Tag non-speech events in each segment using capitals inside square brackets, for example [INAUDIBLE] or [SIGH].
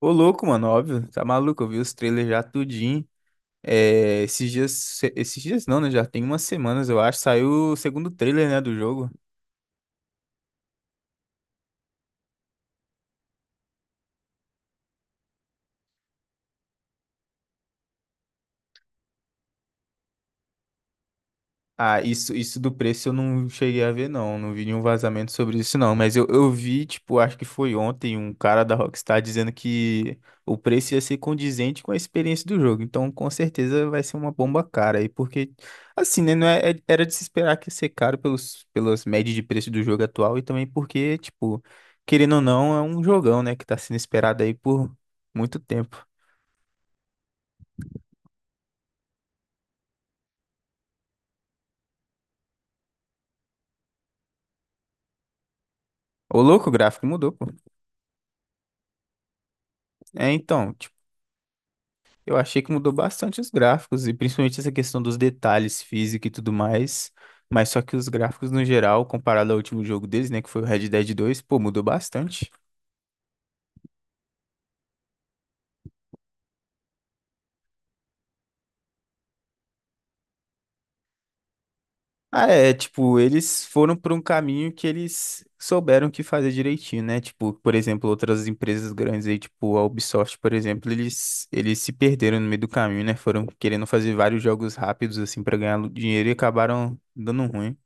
Ô, louco, mano, óbvio, tá maluco, eu vi os trailers já tudinho. É, esses dias não, né? Já tem umas semanas, eu acho, saiu o segundo trailer, né, do jogo. Ah, isso do preço eu não cheguei a ver, não. Não vi nenhum vazamento sobre isso, não. Mas eu vi, tipo, acho que foi ontem, um cara da Rockstar dizendo que o preço ia ser condizente com a experiência do jogo. Então, com certeza, vai ser uma bomba cara aí, porque, assim, né? Não é, era de se esperar que ia ser caro pelas médias de preço do jogo atual e também porque, tipo, querendo ou não, é um jogão, né? Que tá sendo esperado aí por muito tempo. Ô, louco, o gráfico mudou, pô. É, então. Eu achei que mudou bastante os gráficos, e principalmente essa questão dos detalhes física e tudo mais. Mas só que os gráficos, no geral, comparado ao último jogo deles, né, que foi o Red Dead 2, pô, mudou bastante. Ah, é, tipo, eles foram por um caminho que eles souberam que fazer direitinho, né? Tipo, por exemplo, outras empresas grandes aí, tipo a Ubisoft, por exemplo, eles se perderam no meio do caminho, né? Foram querendo fazer vários jogos rápidos, assim, pra ganhar dinheiro e acabaram dando ruim.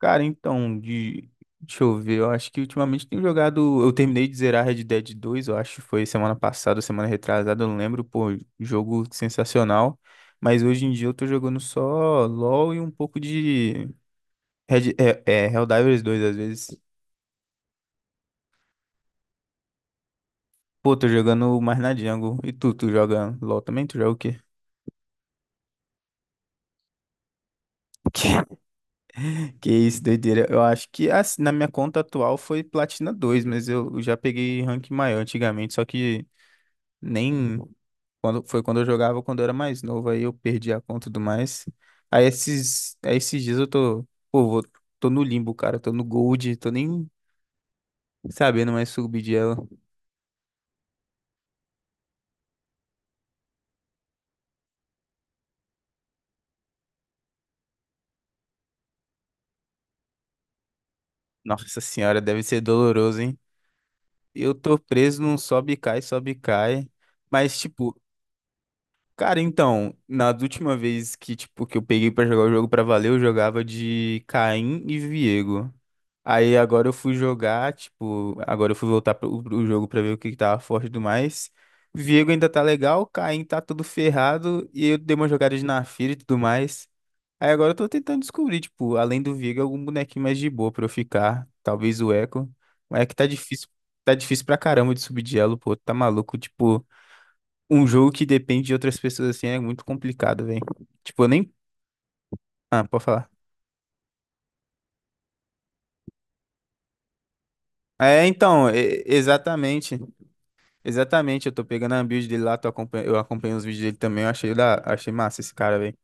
Cara, então, deixa eu ver, eu acho que ultimamente tenho jogado. Eu terminei de zerar Red Dead 2, eu acho que foi semana passada, semana retrasada, eu não lembro, pô, jogo sensacional. Mas hoje em dia eu tô jogando só LoL e um pouco de Red... é, Helldivers 2 às vezes. Pô, tô jogando mais na Jungle. E tu joga LoL também? Tu joga o quê? [LAUGHS] Que que isso, doideira. Eu acho que assim, na minha conta atual foi Platina dois, mas eu já peguei rank maior antigamente, só que nem. Foi quando eu jogava, quando eu era mais novo, aí eu perdi a conta e tudo mais. Aí esses dias eu tô, pô, tô no limbo, cara, tô no gold, tô nem sabendo mais subir de elo. Nossa senhora, deve ser doloroso, hein? Eu tô preso num sobe e cai, sobe e cai. Mas, tipo, cara, então, na última vez que, tipo, que eu peguei pra jogar o jogo pra valer, eu jogava de Caim e Viego. Aí agora eu fui jogar, tipo, agora eu fui voltar pro jogo pra ver o que que tava forte e tudo mais. Viego ainda tá legal, Caim tá tudo ferrado e eu dei umas jogadas na fira e tudo mais. Aí agora eu tô tentando descobrir, tipo, além do Viego, algum bonequinho mais de boa pra eu ficar. Talvez o Echo. Mas é que tá difícil pra caramba de subir de elo, pô, tá maluco. Tipo, um jogo que depende de outras pessoas assim é muito complicado, velho. Tipo, eu nem. Ah, pode falar. É, então, exatamente. Exatamente, eu tô pegando a build dele lá, eu acompanho os vídeos dele também, eu achei, achei massa esse cara, velho.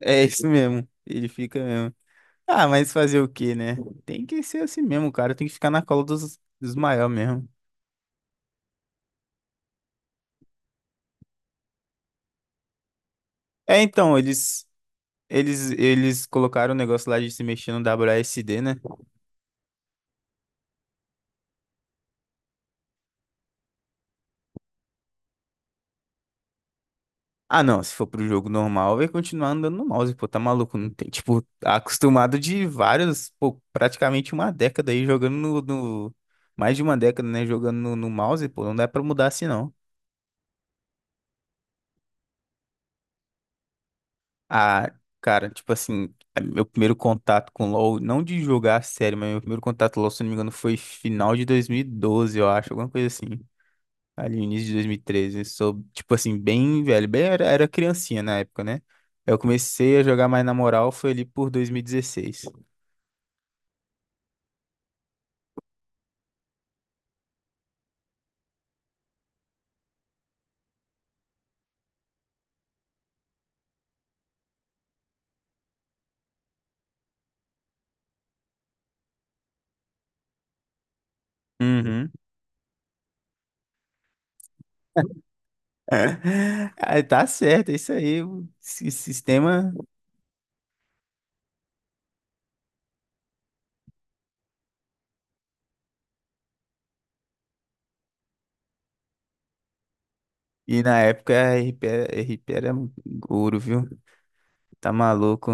É isso mesmo, ele fica mesmo. Ah, mas fazer o quê, né? Tem que ser assim mesmo, cara, tem que ficar na cola dos maiores mesmo. É, então, eles colocaram o negócio lá de se mexer no WASD, né? Ah, não, se for pro jogo normal, vai continuar andando no mouse, pô, tá maluco, não tem, tipo, tá acostumado de vários, pô, praticamente uma década aí jogando mais de uma década, né, jogando no mouse, pô, não dá pra mudar assim, não. Ah, cara, tipo assim, é meu primeiro contato com LoL, não de jogar a série, mas meu primeiro contato com LoL, se não me engano, foi final de 2012, eu acho, alguma coisa assim. Ali no início de 2013. Sou, tipo assim, bem velho, bem era, era criancinha na época, né? Eu comecei a jogar mais na moral, foi ali por 2016. Uhum. [LAUGHS] Aí tá certo, é isso aí, o sistema. E na época a RP, RP era ouro, viu? Tá maluco.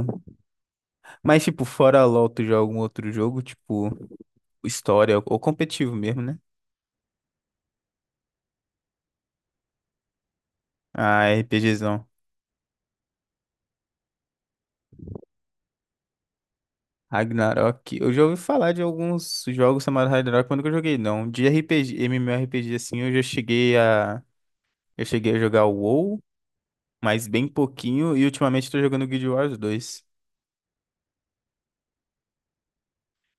Mas, tipo, fora LOL, tu joga algum outro jogo, tipo, história ou competitivo mesmo, né? Ah, RPGzão. Ragnarok. Eu já ouvi falar de alguns jogos chamados Ragnarok, mas nunca joguei, não. De RPG, MMORPG, assim, eu já cheguei a... Eu cheguei a jogar o WoW, mas bem pouquinho, e ultimamente tô jogando Guild Wars 2.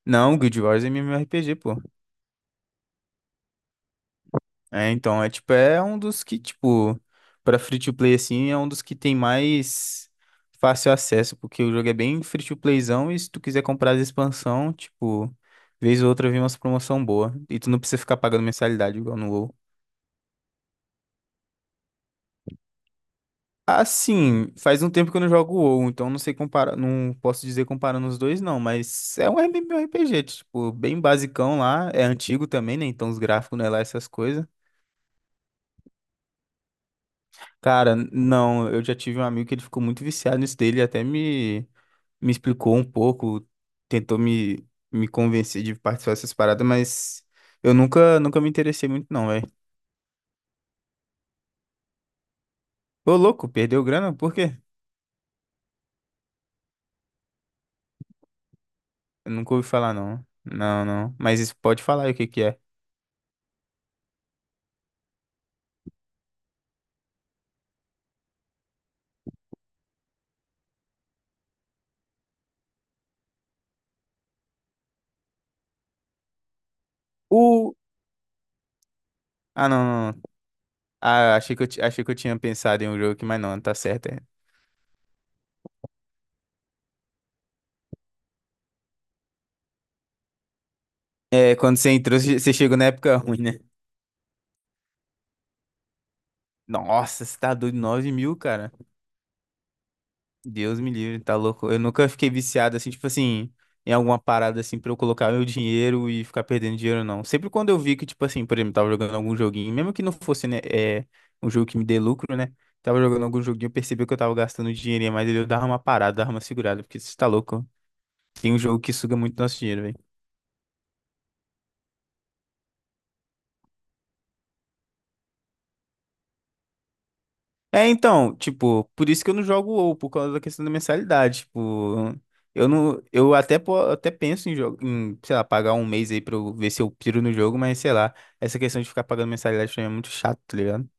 Não, Guild Wars é MMORPG, pô. É, então, é tipo, é um dos que, tipo, pra free to play assim, é um dos que tem mais fácil acesso, porque o jogo é bem free to playzão e se tu quiser comprar as expansão, tipo, vez ou outra vem umas promoção boa e tu não precisa ficar pagando mensalidade igual no WoW. Assim, faz um tempo que eu não jogo WoW, então não sei comparar, não posso dizer comparando os dois não, mas é um MMORPG, tipo, bem basicão lá, é antigo também, né? Então os gráficos não é lá essas coisas. Cara, não, eu já tive um amigo que ele ficou muito viciado nisso dele, até me explicou um pouco, tentou me convencer de participar dessas paradas, mas eu nunca, nunca me interessei muito não, velho. Ô, louco, perdeu grana? Por quê? Eu nunca ouvi falar não. Não, não. Mas isso pode falar aí o que que é. O... Ah, não, não, não. Ah, achei que achei que eu tinha pensado em um jogo aqui, mas não, tá certo, é. É, quando você entrou, você chegou na época ruim, né? Nossa, você tá doido, 9 mil, cara. Deus me livre, tá louco. Eu nunca fiquei viciado assim, tipo assim, em alguma parada assim pra eu colocar meu dinheiro e ficar perdendo dinheiro, não. Sempre quando eu vi que, tipo assim, por exemplo, tava jogando algum joguinho, mesmo que não fosse, né, é, um jogo que me dê lucro, né? Tava jogando algum joguinho, eu percebi que eu tava gastando dinheirinho, mas eu dava uma parada, dava uma segurada, porque você tá louco. Tem um jogo que suga muito nosso dinheiro, velho. É, então, tipo, por isso que eu não jogo WoW, por causa da questão da mensalidade, tipo, eu não, eu até, até penso em, jogo, em, sei lá, pagar um mês aí pra eu ver se eu piro no jogo, mas sei lá, essa questão de ficar pagando mensalidade pra mim é muito chato, tá ligado?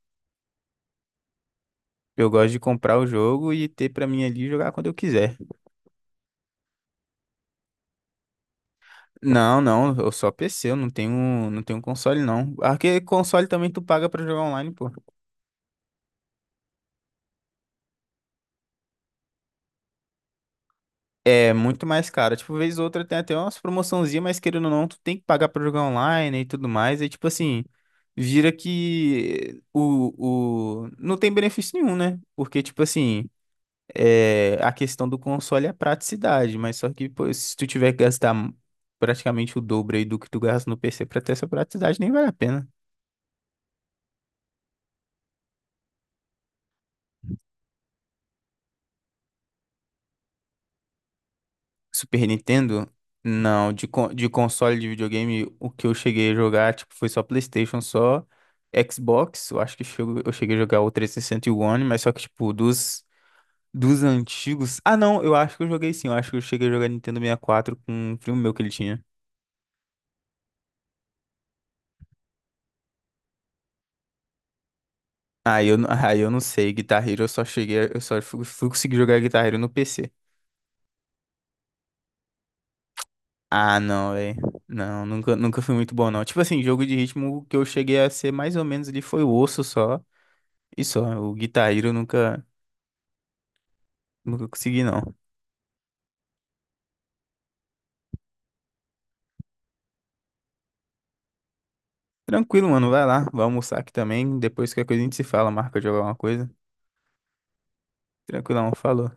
Eu gosto de comprar o jogo e ter pra mim ali e jogar quando eu quiser. Não, não, eu só PC, eu não tenho, console não. Ah, que console também tu paga pra jogar online, pô. É muito mais caro. Tipo, vez ou outra tem até umas promoçãozinhas, mas querendo ou não, tu tem que pagar pra jogar online e tudo mais. E tipo assim, vira que não tem benefício nenhum, né? Porque, tipo assim, a questão do console é a praticidade, mas só que pô, se tu tiver que gastar praticamente o dobro aí do que tu gasta no PC pra ter essa praticidade, nem vale a pena. Super Nintendo? Não, de console de videogame, o que eu cheguei a jogar, tipo, foi só PlayStation, só Xbox. Eu acho que eu cheguei a jogar o 360 e sessenta e o One, mas só que, tipo, dos antigos. Ah, não, eu acho que eu joguei sim. Eu acho que eu cheguei a jogar Nintendo 64 com um primo meu que ele tinha. Ah, [LAUGHS] Ah, eu não sei. Guitar Hero, eu só cheguei. Eu só fui conseguir jogar Guitar Hero no PC. Ah, não, velho. Não, nunca, nunca fui muito bom, não. Tipo assim, jogo de ritmo, o que eu cheguei a ser mais ou menos ali foi o osso só. E só, o Guitar Hero eu nunca, nunca consegui, não. Tranquilo, mano, vai lá, vai almoçar aqui também. Depois qualquer coisa a gente se fala, marca jogar uma coisa. Tranquilão, falou.